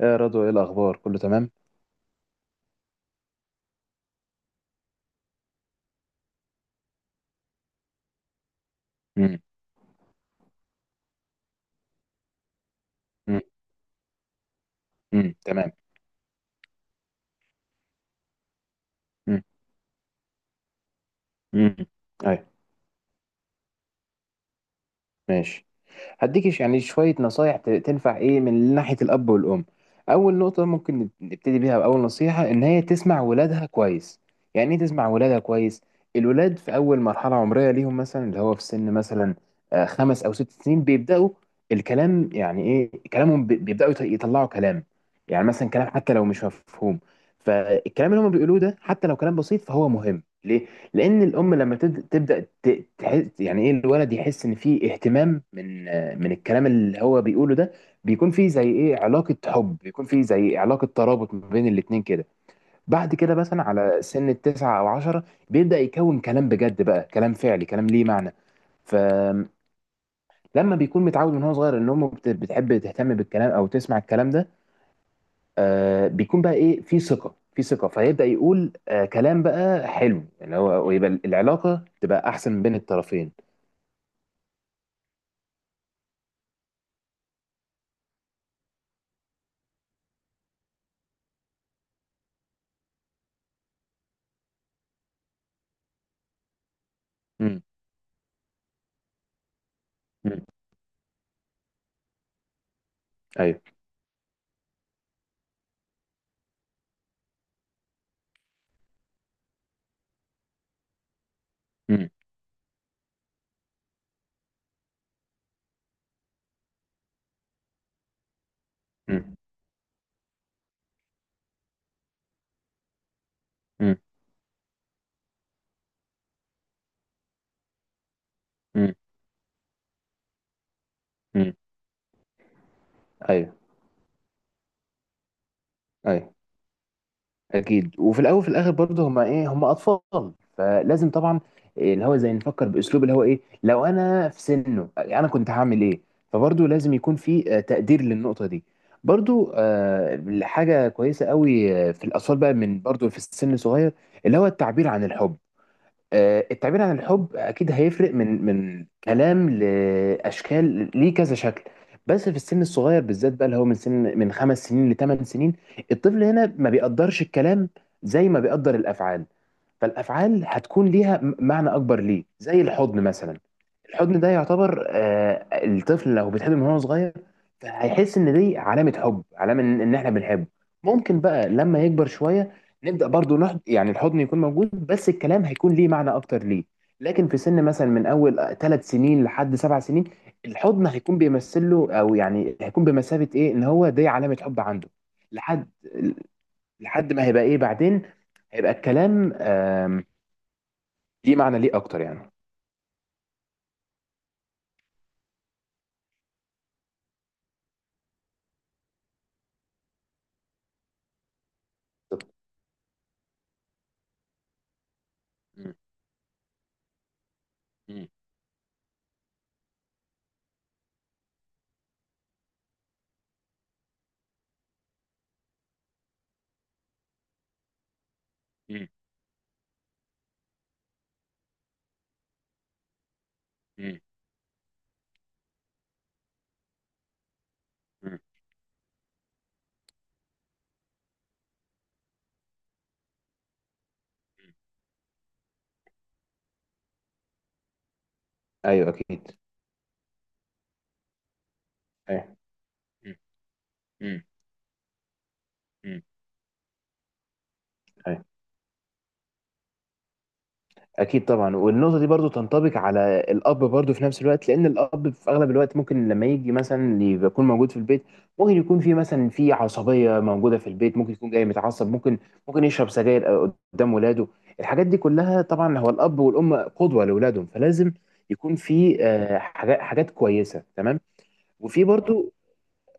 ايه يا رضوى، ايه الاخبار، كله تمام؟ امم امم تمام. امم امم ايوه، ماشي. هديك يعني شوية نصايح تنفع ايه من ناحية الأب والأم. أول نقطة ممكن نبتدي بيها بأول نصيحة، إن هي تسمع ولادها كويس. يعني ايه تسمع ولادها كويس؟ الولاد في أول مرحلة عمرية ليهم، مثلا اللي هو في سن مثلا 5 أو 6 سنين بيبدأوا الكلام. يعني ايه كلامهم؟ بيبدأوا يطلعوا كلام، يعني مثلا كلام حتى لو مش مفهوم. فالكلام اللي هم بيقولوه ده، حتى لو كلام بسيط، فهو مهم ليه؟ لان الام لما تبدا تحس، يعني ايه الولد يحس ان في اهتمام من الكلام اللي هو بيقوله ده. بيكون في زي ايه، علاقه حب، بيكون في زي علاقه ترابط ما بين الاتنين كده. بعد كده مثلا على سن 9 او 10 بيبدا يكون كلام بجد بقى، كلام فعلي، كلام ليه معنى. فلما بيكون متعود من هو صغير ان امه بتحب تهتم بالكلام او تسمع الكلام ده، آه، بيكون بقى ايه، في ثقه، في ثقه، فهيبدا يقول آه كلام بقى حلو يعني هو، ويبقى العلاقه تبقى احسن بين الطرفين. امم امم ايوه. امم امم امم امم ايوه. ايوه، اكيد. وفي الاول وفي الاخر برضه هما ايه، هما اطفال، فلازم طبعا إيه اللي هو زي نفكر باسلوب اللي هو ايه، لو انا في سنه انا كنت هعمل ايه. فبرضه لازم يكون في تقدير للنقطه دي. برضه حاجه كويسه قوي في الاطفال بقى، من برضه في السن الصغير، اللي هو التعبير عن الحب. التعبير عن الحب اكيد هيفرق، من كلام لاشكال، ليه كذا شكل. بس في السن الصغير بالذات بقى، اللي هو من سن من 5 سنين ل8 سنين، الطفل هنا ما بيقدرش الكلام زي ما بيقدر الافعال. فالافعال هتكون ليها معنى اكبر ليه، زي الحضن مثلا. الحضن ده يعتبر، الطفل لو بيتحضن من هو صغير فهيحس ان دي علامه حب، علامه ان إن احنا بنحبه. ممكن بقى لما يكبر شويه نبدا برضو نحض، يعني الحضن يكون موجود بس الكلام هيكون ليه معنى اكتر ليه. لكن في سن مثلا من اول 3 سنين لحد 7 سنين، الحضن هيكون بيمثل له، او يعني هيكون بمثابه ايه، ان هو دي علامه حب عنده. لحد لحد ما هيبقى ايه بعدين، هيبقى الكلام ليه معنى ليه اكتر يعني. بالظبط. مم. مم. مم. مم. مم. ايوه، اكيد. ايوه. مم. مم. مم. أيوة. اكيد طبعا. والنقطه دي برضو تنطبق على الاب برضو في نفس الوقت، لان الاب في اغلب الوقت ممكن لما يجي مثلا يكون موجود في البيت، ممكن يكون في مثلا في عصبيه موجوده في البيت، ممكن يكون جاي متعصب، ممكن ممكن يشرب سجاير قدام ولاده. الحاجات دي كلها، طبعا هو الاب والام قدوه لاولادهم، فلازم يكون في حاجات، حاجات كويسه. تمام. وفي برضو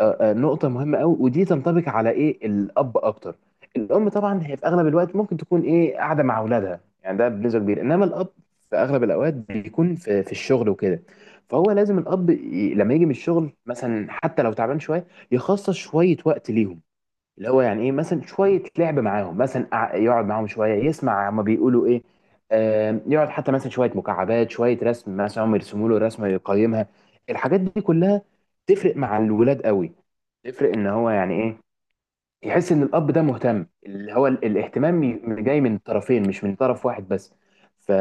نقطة مهمة قوي، ودي تنطبق على ايه، الأب أكتر. الأم طبعا هي في أغلب الوقت ممكن تكون ايه، قاعدة مع أولادها، يعني ده بنسبة كبيرة. إنما الأب في أغلب الأوقات بيكون في الشغل وكده. فهو لازم الأب لما يجي من الشغل مثلا، حتى لو تعبان شوية، يخصص شوية وقت ليهم. اللي هو يعني ايه، مثلا شويه لعب معاهم، مثلا يقعد معاهم شويه يسمع هما بيقولوا ايه. يقعد حتى مثلا شويه مكعبات، شويه رسم، مثلا هم يرسموا له رسمه يقيمها. الحاجات دي كلها تفرق مع الولاد قوي، تفرق ان هو يعني ايه، يحس ان الاب ده مهتم، اللي هو الاهتمام جاي من طرفين، مش من طرف واحد بس. ف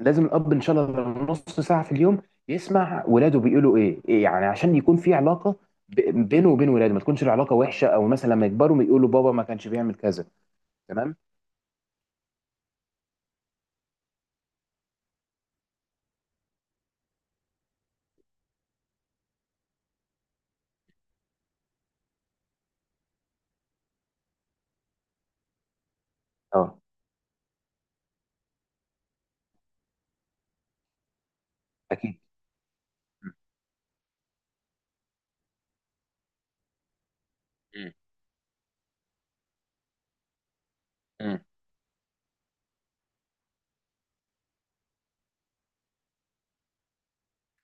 لازم الاب ان شاء الله نص ساعه في اليوم يسمع ولاده بيقولوا ايه إيه، يعني عشان يكون في علاقه بينه وبين ولاده، ما تكونش العلاقه وحشه، او مثلا لما يكبروا يقولوا بابا ما كانش بيعمل كذا. تمام. اه، اكيد. امم. امم.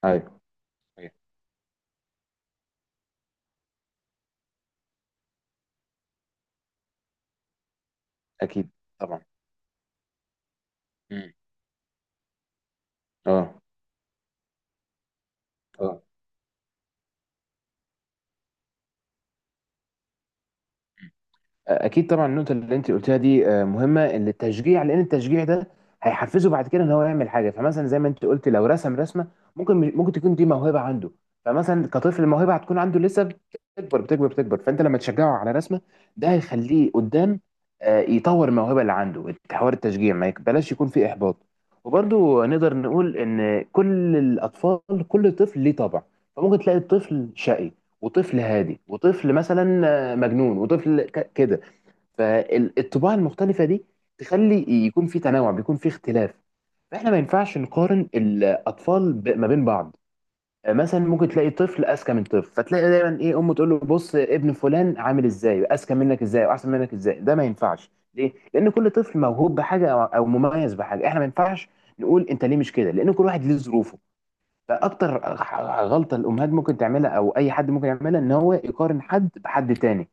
ايوه. أيوة. اكيد طبعا. امم. اه. اه، اكيد طبعا. النقطه اللي انت قلتها دي مهمه، إن التشجيع. لان التشجيع ده هيحفزه بعد كده ان هو يعمل حاجه. فمثلا زي ما انت قلت، لو رسم رسمه، ممكن تكون دي موهبه عنده. فمثلا كطفل الموهبه هتكون عنده لسه بتكبر بتكبر بتكبر. فانت لما تشجعه على رسمه، ده هيخليه قدام يطور الموهبه اللي عنده. حوار التشجيع، ما يك- بلاش يكون فيه احباط. وبرضه نقدر نقول ان كل الاطفال، كل طفل ليه طبع. فممكن تلاقي طفل شقي، وطفل هادي، وطفل مثلا مجنون، وطفل كده. فالطباع المختلفة دي تخلي يكون في تنوع، بيكون في اختلاف. فاحنا ما ينفعش نقارن الاطفال ما بين بعض. مثلا ممكن تلاقي طفل اذكى من طفل، فتلاقي دايما ايه، امه تقول له بص ابن فلان عامل ازاي، اذكى منك ازاي، واحسن منك ازاي. ده ما ينفعش ليه؟ لان كل طفل موهوب بحاجه، او أو مميز بحاجه. احنا ما ينفعش نقول انت ليه مش كده، لان كل واحد ليه ظروفه. فاكتر غلطه الامهات ممكن تعملها، او اي حد ممكن يعملها، ان هو يقارن حد بحد تاني.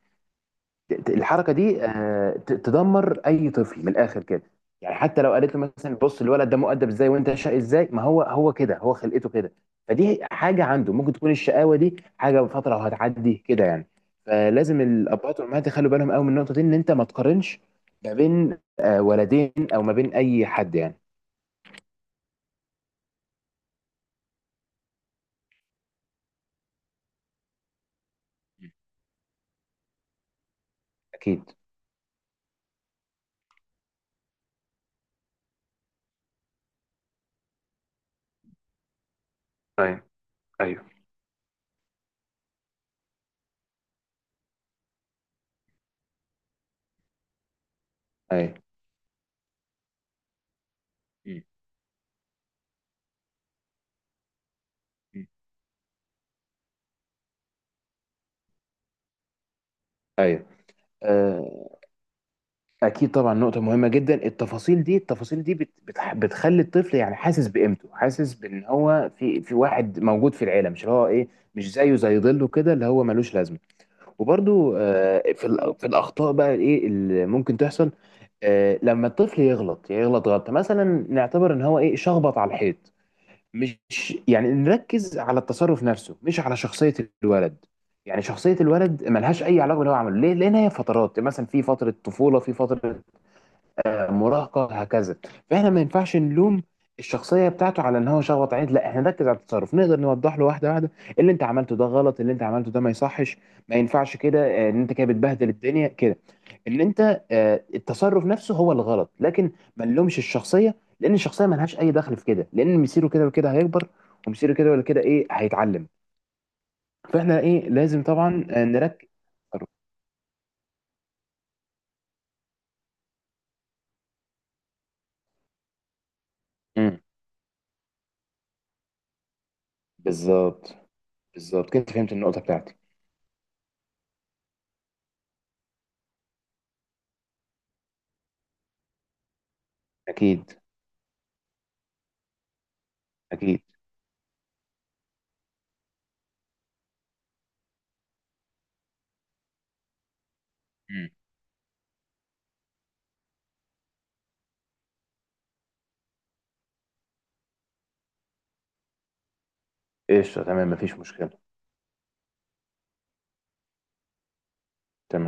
الحركه دي تدمر اي طفل من الاخر كده. يعني حتى لو قالت له مثلا بص الولد ده مؤدب ازاي وانت شقي ازاي، ما هو هو كده، هو خلقته كده. فدي حاجه عنده، ممكن تكون الشقاوه دي حاجه بفتره وهتعدي كده يعني. فلازم الابهات والامهات يخلوا بالهم قوي من النقطه دي، ان انت ما تقارنش ما بين ولدين، او ما بين اي حد يعني. اكيد. ايوه. ايوه. ايوه. مم. ايوه. آه، اكيد طبعا، نقطه مهمه جدا. التفاصيل دي، التفاصيل دي بتخلي الطفل يعني حاسس بقيمته، حاسس بان هو في، في واحد موجود في العيله، مش اللي هو ايه، مش زيه زي ظله كده اللي هو ملوش لازمه. وبرده في في الاخطاء بقى ايه اللي ممكن تحصل، لما الطفل يغلط، يغلط غلطه مثلا، نعتبر ان هو ايه، شخبط على الحيط، مش يعني، نركز على التصرف نفسه مش على شخصيه الولد. يعني شخصيه الولد ملهاش اي علاقه باللي هو عمله ليه، لان هي فترات، مثلا في فتره طفوله، في فتره مراهقه، هكذا. فاحنا ما ينفعش نلوم الشخصيه بتاعته على ان هو شخبط عين، لا احنا نركز على التصرف. نقدر نوضح له واحده واحده، اللي انت عملته ده غلط، اللي انت عملته ده ما يصحش، ما ينفعش كده، ان انت كده بتبهدل الدنيا كده، ان انت التصرف نفسه هو الغلط، لكن ما نلومش الشخصيه. لان الشخصيه ما لهاش اي دخل في كده، لان مصيره كده وكده هيكبر، ومصيره كده ولا كده ايه هيتعلم. فاحنا ايه، لازم طبعا نركز على التصرف. مم. بالظبط، بالظبط كده، فهمت النقطه بتاعتي. اكيد. اكيد. قشطة، تمام، مفيش مشكلة. تمام.